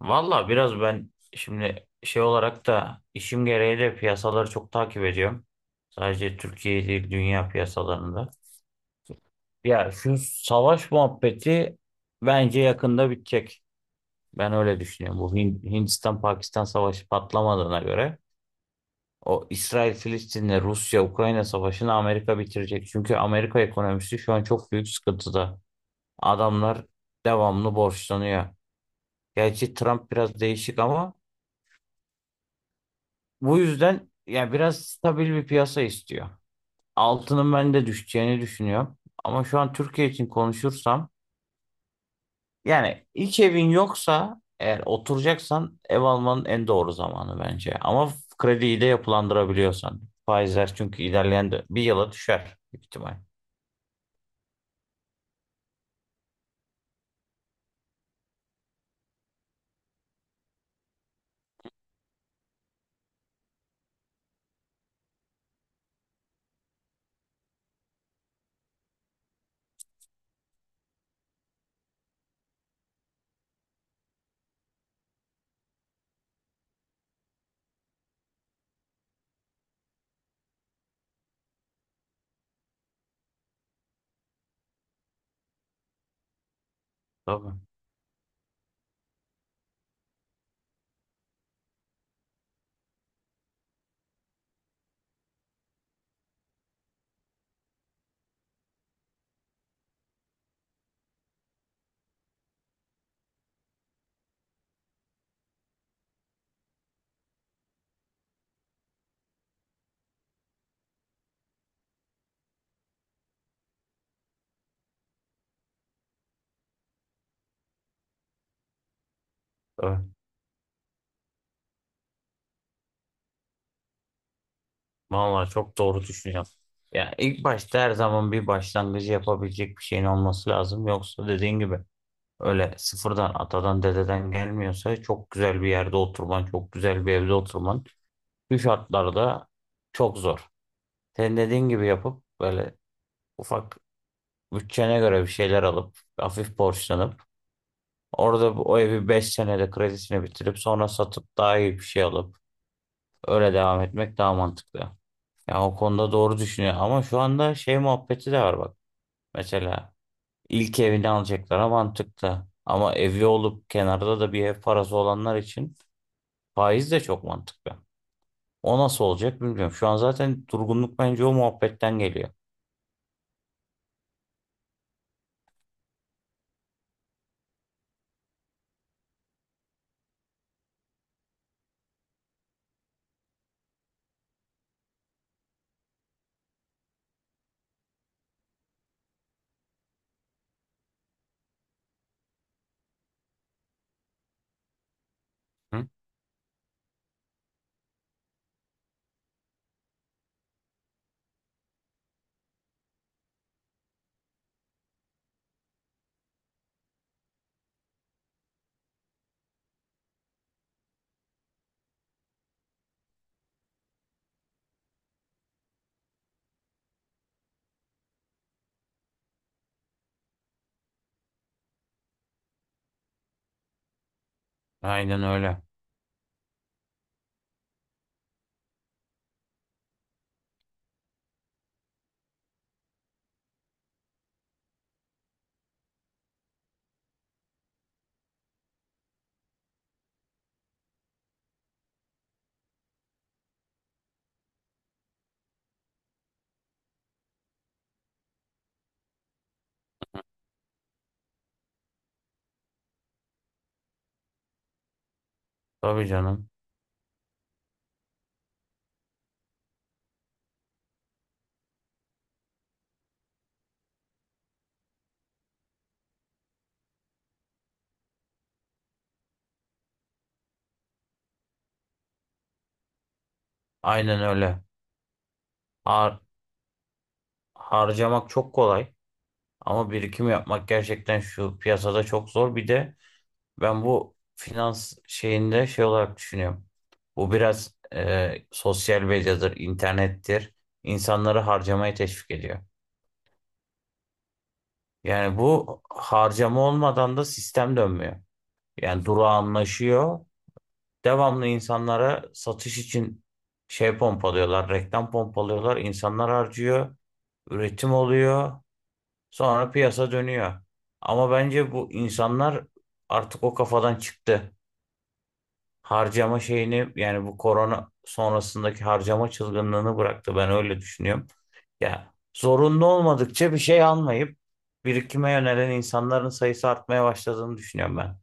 Valla biraz ben şimdi şey olarak da işim gereği de piyasaları çok takip ediyorum. Sadece Türkiye değil dünya piyasalarında. Ya şu savaş muhabbeti bence yakında bitecek. Ben öyle düşünüyorum. Bu Hindistan-Pakistan savaşı patlamadığına göre o İsrail-Filistin'le Rusya-Ukrayna savaşını Amerika bitirecek. Çünkü Amerika ekonomisi şu an çok büyük sıkıntıda. Adamlar devamlı borçlanıyor. Gerçi Trump biraz değişik ama bu yüzden ya biraz stabil bir piyasa istiyor. Altının ben de düşeceğini düşünüyorum. Ama şu an Türkiye için konuşursam yani ilk evin yoksa eğer oturacaksan ev almanın en doğru zamanı bence. Ama krediyi de yapılandırabiliyorsan. Faizler çünkü ilerleyen bir yıla düşer büyük ihtimal. Tabii. Tabii. Vallahi çok doğru düşünüyorsun. Ya ilk başta her zaman bir başlangıcı yapabilecek bir şeyin olması lazım. Yoksa dediğin gibi öyle sıfırdan atadan dededen gelmiyorsa çok güzel bir yerde oturman, çok güzel bir evde oturman bu şartlarda çok zor. Senin dediğin gibi yapıp böyle ufak bütçene göre bir şeyler alıp hafif borçlanıp orada o evi 5 senede kredisini bitirip sonra satıp daha iyi bir şey alıp öyle devam etmek daha mantıklı. Ya o konuda doğru düşünüyor ama şu anda şey muhabbeti de var bak. Mesela ilk evini alacaklara mantıklı ama evi olup kenarda da bir ev parası olanlar için faiz de çok mantıklı. O nasıl olacak bilmiyorum. Şu an zaten durgunluk bence o muhabbetten geliyor. Hı? Aynen öyle. Tabii canım. Aynen öyle. Har harcamak çok kolay ama birikim yapmak gerçekten şu piyasada çok zor. Bir de ben bu finans şeyinde şey olarak düşünüyorum. Bu biraz sosyal medyadır, internettir. İnsanları harcamaya teşvik ediyor. Yani bu harcama olmadan da sistem dönmüyor. Yani durağanlaşıyor. Devamlı insanlara satış için şey pompalıyorlar, reklam pompalıyorlar. İnsanlar harcıyor, üretim oluyor, sonra piyasa dönüyor. Ama bence bu insanlar artık o kafadan çıktı. Harcama şeyini yani bu korona sonrasındaki harcama çılgınlığını bıraktı. Ben öyle düşünüyorum. Ya zorunlu olmadıkça bir şey almayıp birikime yönelen insanların sayısı artmaya başladığını düşünüyorum ben.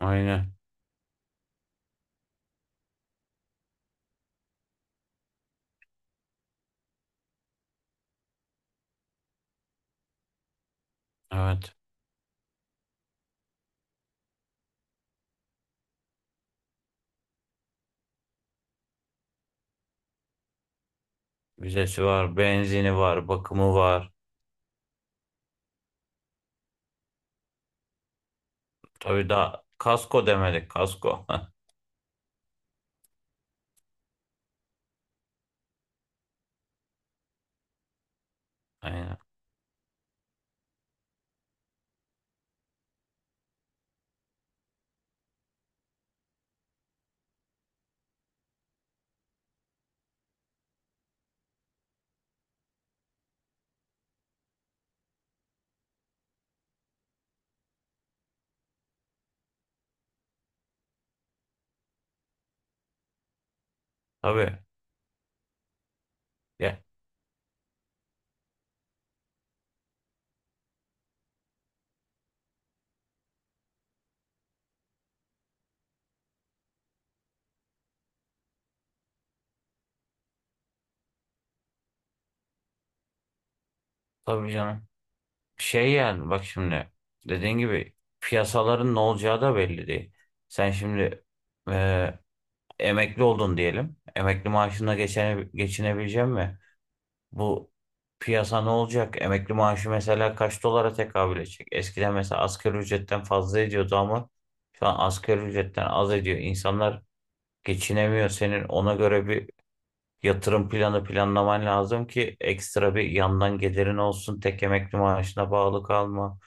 Aynen. Evet. Vizesi var, benzini var, bakımı var. Tabii daha kasko demedik kasko. Aynen. Tabii. Ya, tabii canım. Şey yani bak şimdi dediğin gibi piyasaların ne olacağı da belli değil. Sen şimdi e, emekli oldun diyelim. Emekli maaşına geçene, geçinebilecek mi? Bu piyasa ne olacak? Emekli maaşı mesela kaç dolara tekabül edecek? Eskiden mesela asgari ücretten fazla ediyordu ama şu an asgari ücretten az ediyor. İnsanlar geçinemiyor. Senin ona göre bir yatırım planı planlaman lazım ki ekstra bir yandan gelirin olsun. Tek emekli maaşına bağlı kalma.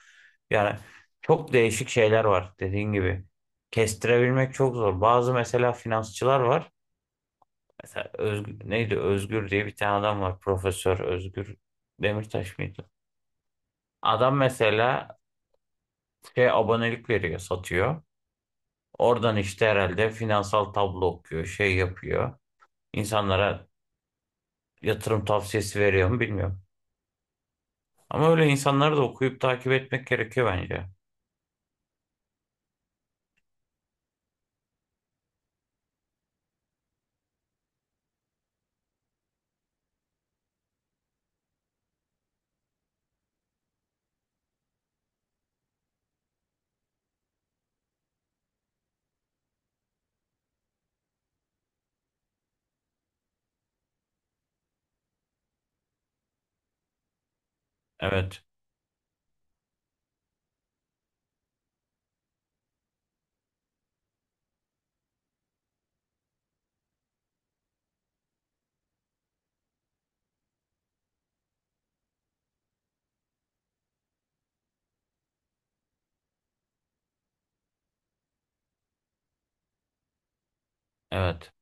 Yani çok değişik şeyler var dediğin gibi. Kestirebilmek çok zor. Bazı mesela finansçılar var. Mesela Özgür, neydi Özgür diye bir tane adam var. Profesör Özgür Demirtaş mıydı? Adam mesela şey abonelik veriyor, satıyor. Oradan işte herhalde finansal tablo okuyor, şey yapıyor. İnsanlara yatırım tavsiyesi veriyor mu bilmiyorum. Ama öyle insanları da okuyup takip etmek gerekiyor bence. Evet, evet.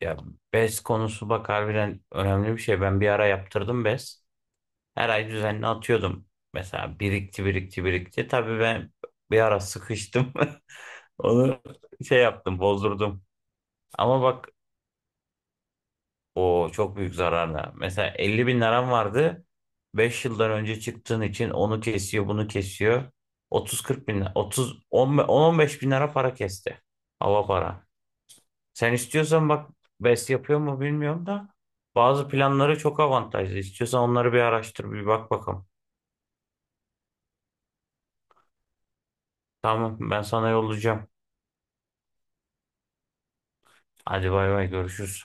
Ya bez konusu bak harbiden önemli bir şey. Ben bir ara yaptırdım bez. Her ay düzenli atıyordum. Mesela birikti, birikti, birikti. Tabii ben bir ara sıkıştım. Onu şey yaptım, bozdurdum. Ama bak o çok büyük zararla. Mesela 50 bin liram vardı. Beş yıldan önce çıktığın için onu kesiyor, bunu kesiyor. 30-40 bin, 30, 10-15 bin lira para kesti. Hava para. Sen istiyorsan bak BES yapıyor mu bilmiyorum da bazı planları çok avantajlı. İstiyorsan onları bir araştır bir bak bakalım. Tamam ben sana yollayacağım. Hadi bay bay görüşürüz.